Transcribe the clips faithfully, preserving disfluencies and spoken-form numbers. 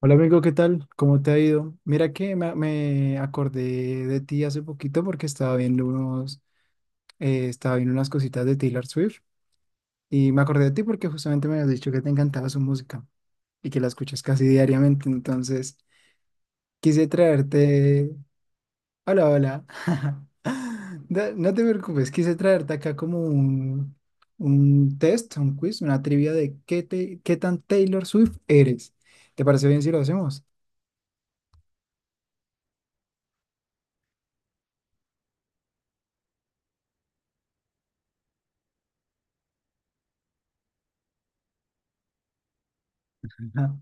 Hola amigo, ¿qué tal? ¿Cómo te ha ido? Mira que me, me acordé de ti hace poquito porque estaba viendo unos, eh, estaba viendo unas cositas de Taylor Swift y me acordé de ti porque justamente me habías dicho que te encantaba su música y que la escuchas casi diariamente, entonces quise traerte... Hola, hola. No, no te preocupes, quise traerte acá como un, un test, un quiz, una trivia de qué, te- qué tan Taylor Swift eres. ¿Te parece bien si lo hacemos? Ajá.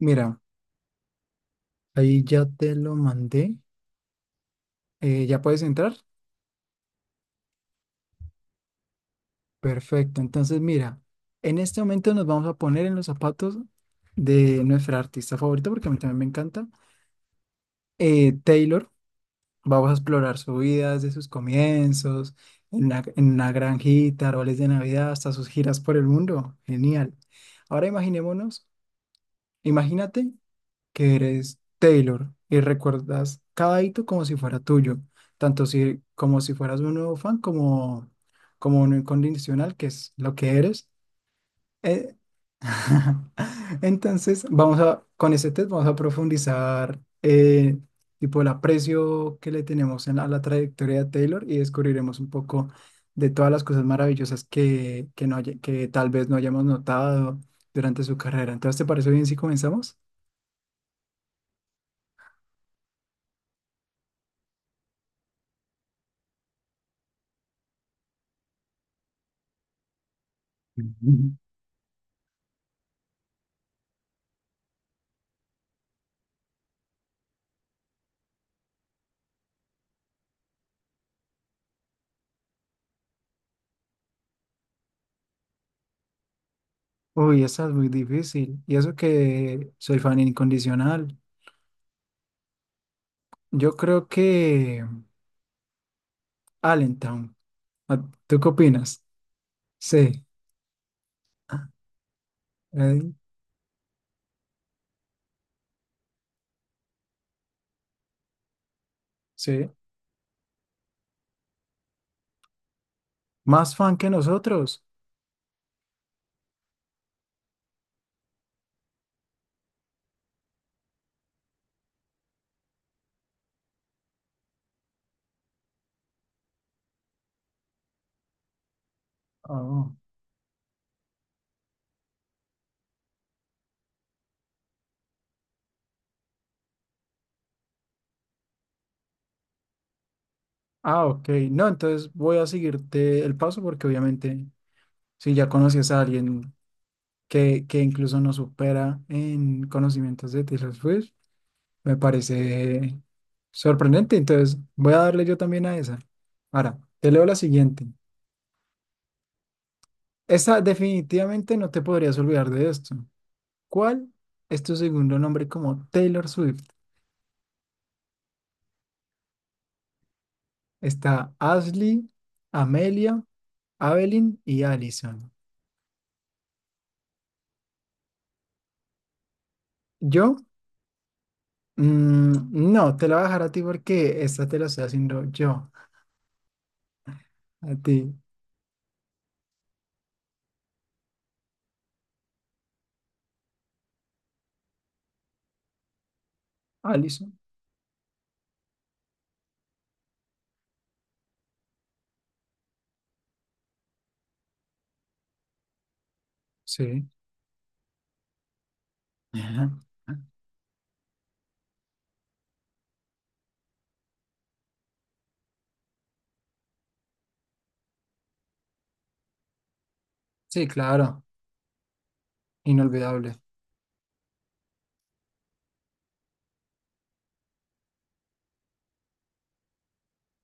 Mira. Ahí ya te lo mandé. Eh, ¿ya puedes entrar? Perfecto. Entonces, mira, en este momento nos vamos a poner en los zapatos de nuestra artista favorita, porque a mí también me encanta, eh, Taylor. Vamos a explorar su vida desde sus comienzos, en una, en una granjita, árboles de Navidad, hasta sus giras por el mundo. Genial. Ahora imaginémonos, imagínate que eres Taylor y recuerdas cada hito como si fuera tuyo, tanto si, como si fueras un nuevo fan como, como un incondicional, que es lo que eres. Eh, Entonces, vamos a, con ese test vamos a profundizar eh, tipo el aprecio que le tenemos en la- a la trayectoria de Taylor y descubriremos un poco de todas las cosas maravillosas que, que, no, haya- que tal vez no hayamos notado durante su carrera. Entonces, ¿te parece bien si comenzamos? Uy, esta es muy difícil. Y eso que soy fan incondicional. Yo creo que Allentown. Ah, ¿tú qué opinas? Sí. Ah, eh, sí. ¿Más fan que nosotros? Oh. Ah, ok. No, entonces voy a seguirte el paso porque obviamente si ya conoces a alguien que, que incluso nos supera en conocimientos de Taylor Swift, me parece sorprendente. Entonces voy a darle yo también a esa. Ahora, te leo la siguiente. Esta definitivamente no te podrías olvidar de esto. ¿Cuál es tu segundo nombre como Taylor Swift? Está Ashley, Amelia, Evelyn y Allison. ¿Yo? Mm, no, te la voy a dejar a ti porque esta te la estoy haciendo yo. A ti, Allison. Sí. Ajá. Sí, claro. Inolvidable.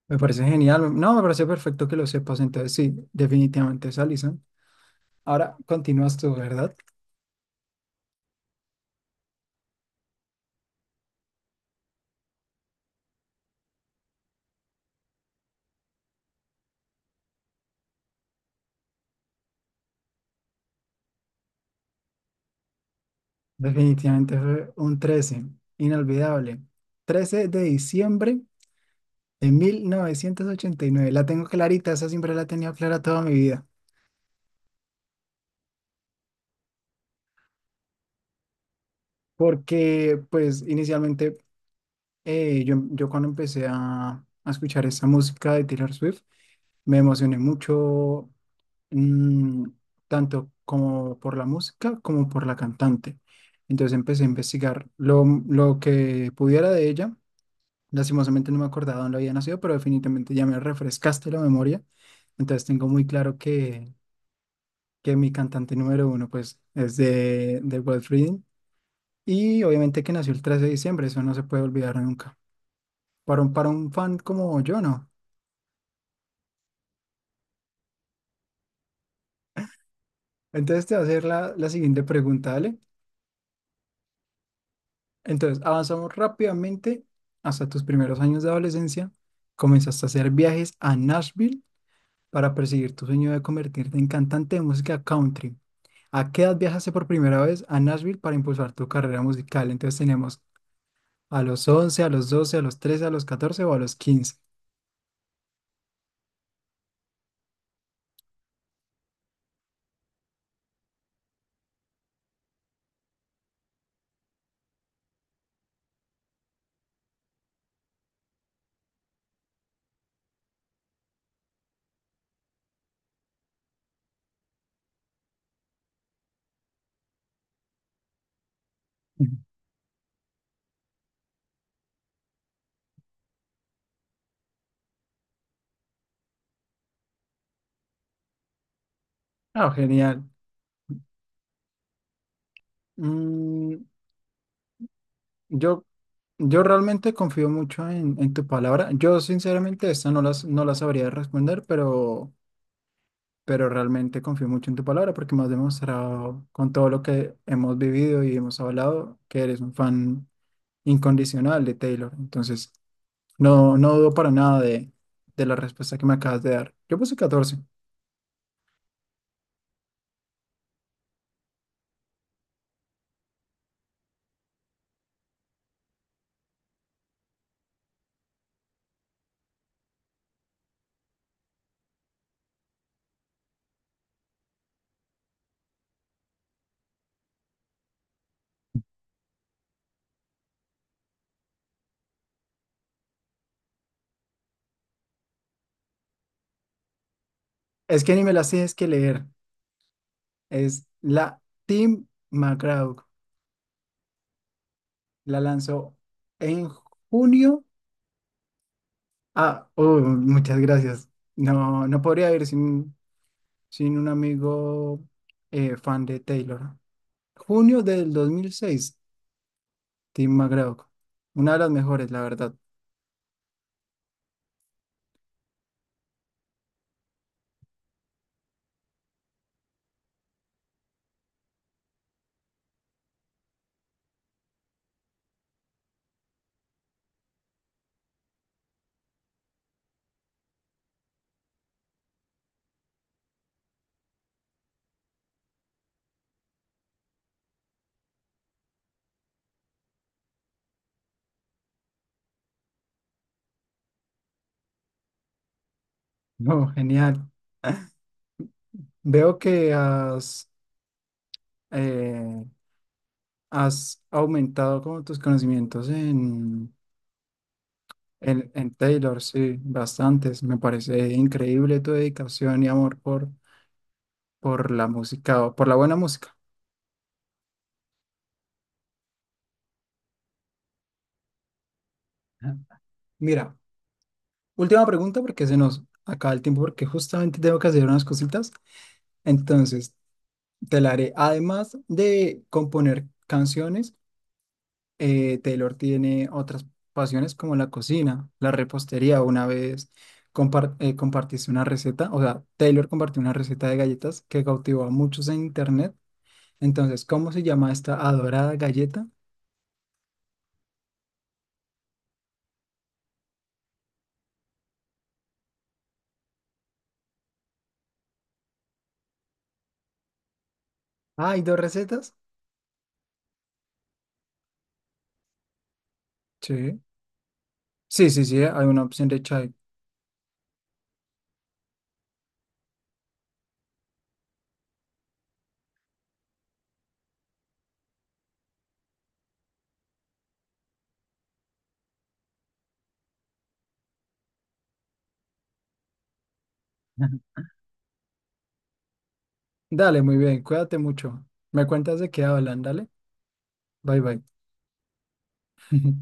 Me parece genial. No, me parece perfecto que lo sepas. Entonces, sí, definitivamente es Allison. Ahora continúas tú, ¿verdad? Definitivamente fue un trece inolvidable. Trece de diciembre de mil novecientos ochenta y nueve. La tengo clarita, esa siempre la he tenido clara toda mi vida. Porque, pues, inicialmente, eh, yo, yo cuando empecé a, a escuchar esa música de Taylor Swift, me emocioné mucho, mm, tanto como por la música como por la cantante. Entonces empecé a investigar lo, lo que pudiera de ella. Lastimosamente no me acordaba dónde había nacido, pero definitivamente ya me refrescaste la memoria. Entonces tengo muy claro que, que, mi cantante número uno pues es de, de Wolf Reading y obviamente que nació el trece de diciembre, eso no se puede olvidar nunca. Para un, para un fan como yo, no. Entonces te voy a hacer la, la siguiente pregunta, ¿vale? Entonces avanzamos rápidamente hasta tus primeros años de adolescencia. Comenzaste a hacer viajes a Nashville para perseguir tu sueño de convertirte en cantante de música country. ¿A qué edad viajaste por primera vez a Nashville para impulsar tu carrera musical? Entonces tenemos a los once, a los doce, a los trece, a los catorce o a los quince. Ujú. Ah, genial. Mm, yo, yo realmente confío mucho en, en tu palabra. Yo sinceramente esta no las, no la sabría responder, pero, pero realmente confío mucho en tu palabra porque me has demostrado con todo lo que hemos vivido y hemos hablado que eres un fan incondicional de Taylor. Entonces... No, no dudo para nada de, de la respuesta que me acabas de dar. Yo puse catorce. Es que ni me las tienes que leer. Es la Tim McGraw. La lanzó en junio. Ah, oh, muchas gracias. No, no podría ir sin, sin un amigo eh, fan de Taylor. Junio del dos mil seis. Tim McGraw. Una de las mejores, la verdad. No, genial. Veo que has eh, Has aumentado como tus conocimientos en, en, en Taylor, sí, bastantes. Me parece increíble tu dedicación y amor por, por la música, o por la buena música. Ajá. Mira, última pregunta porque se nos acaba el tiempo porque justamente tengo que hacer unas cositas. Entonces, te la haré. Además de componer canciones, eh, Taylor tiene otras pasiones como la cocina, la repostería. Una vez compar- eh, compartiste una receta, o sea, Taylor compartió una receta de galletas que cautivó a muchos en internet. Entonces, ¿cómo se llama esta adorada galleta? Ah, ¿hay dos recetas? Sí. Sí, sí, sí, hay una opción de chai. Dale, muy bien, cuídate mucho. Me cuentas de qué hablan, dale. Bye, bye.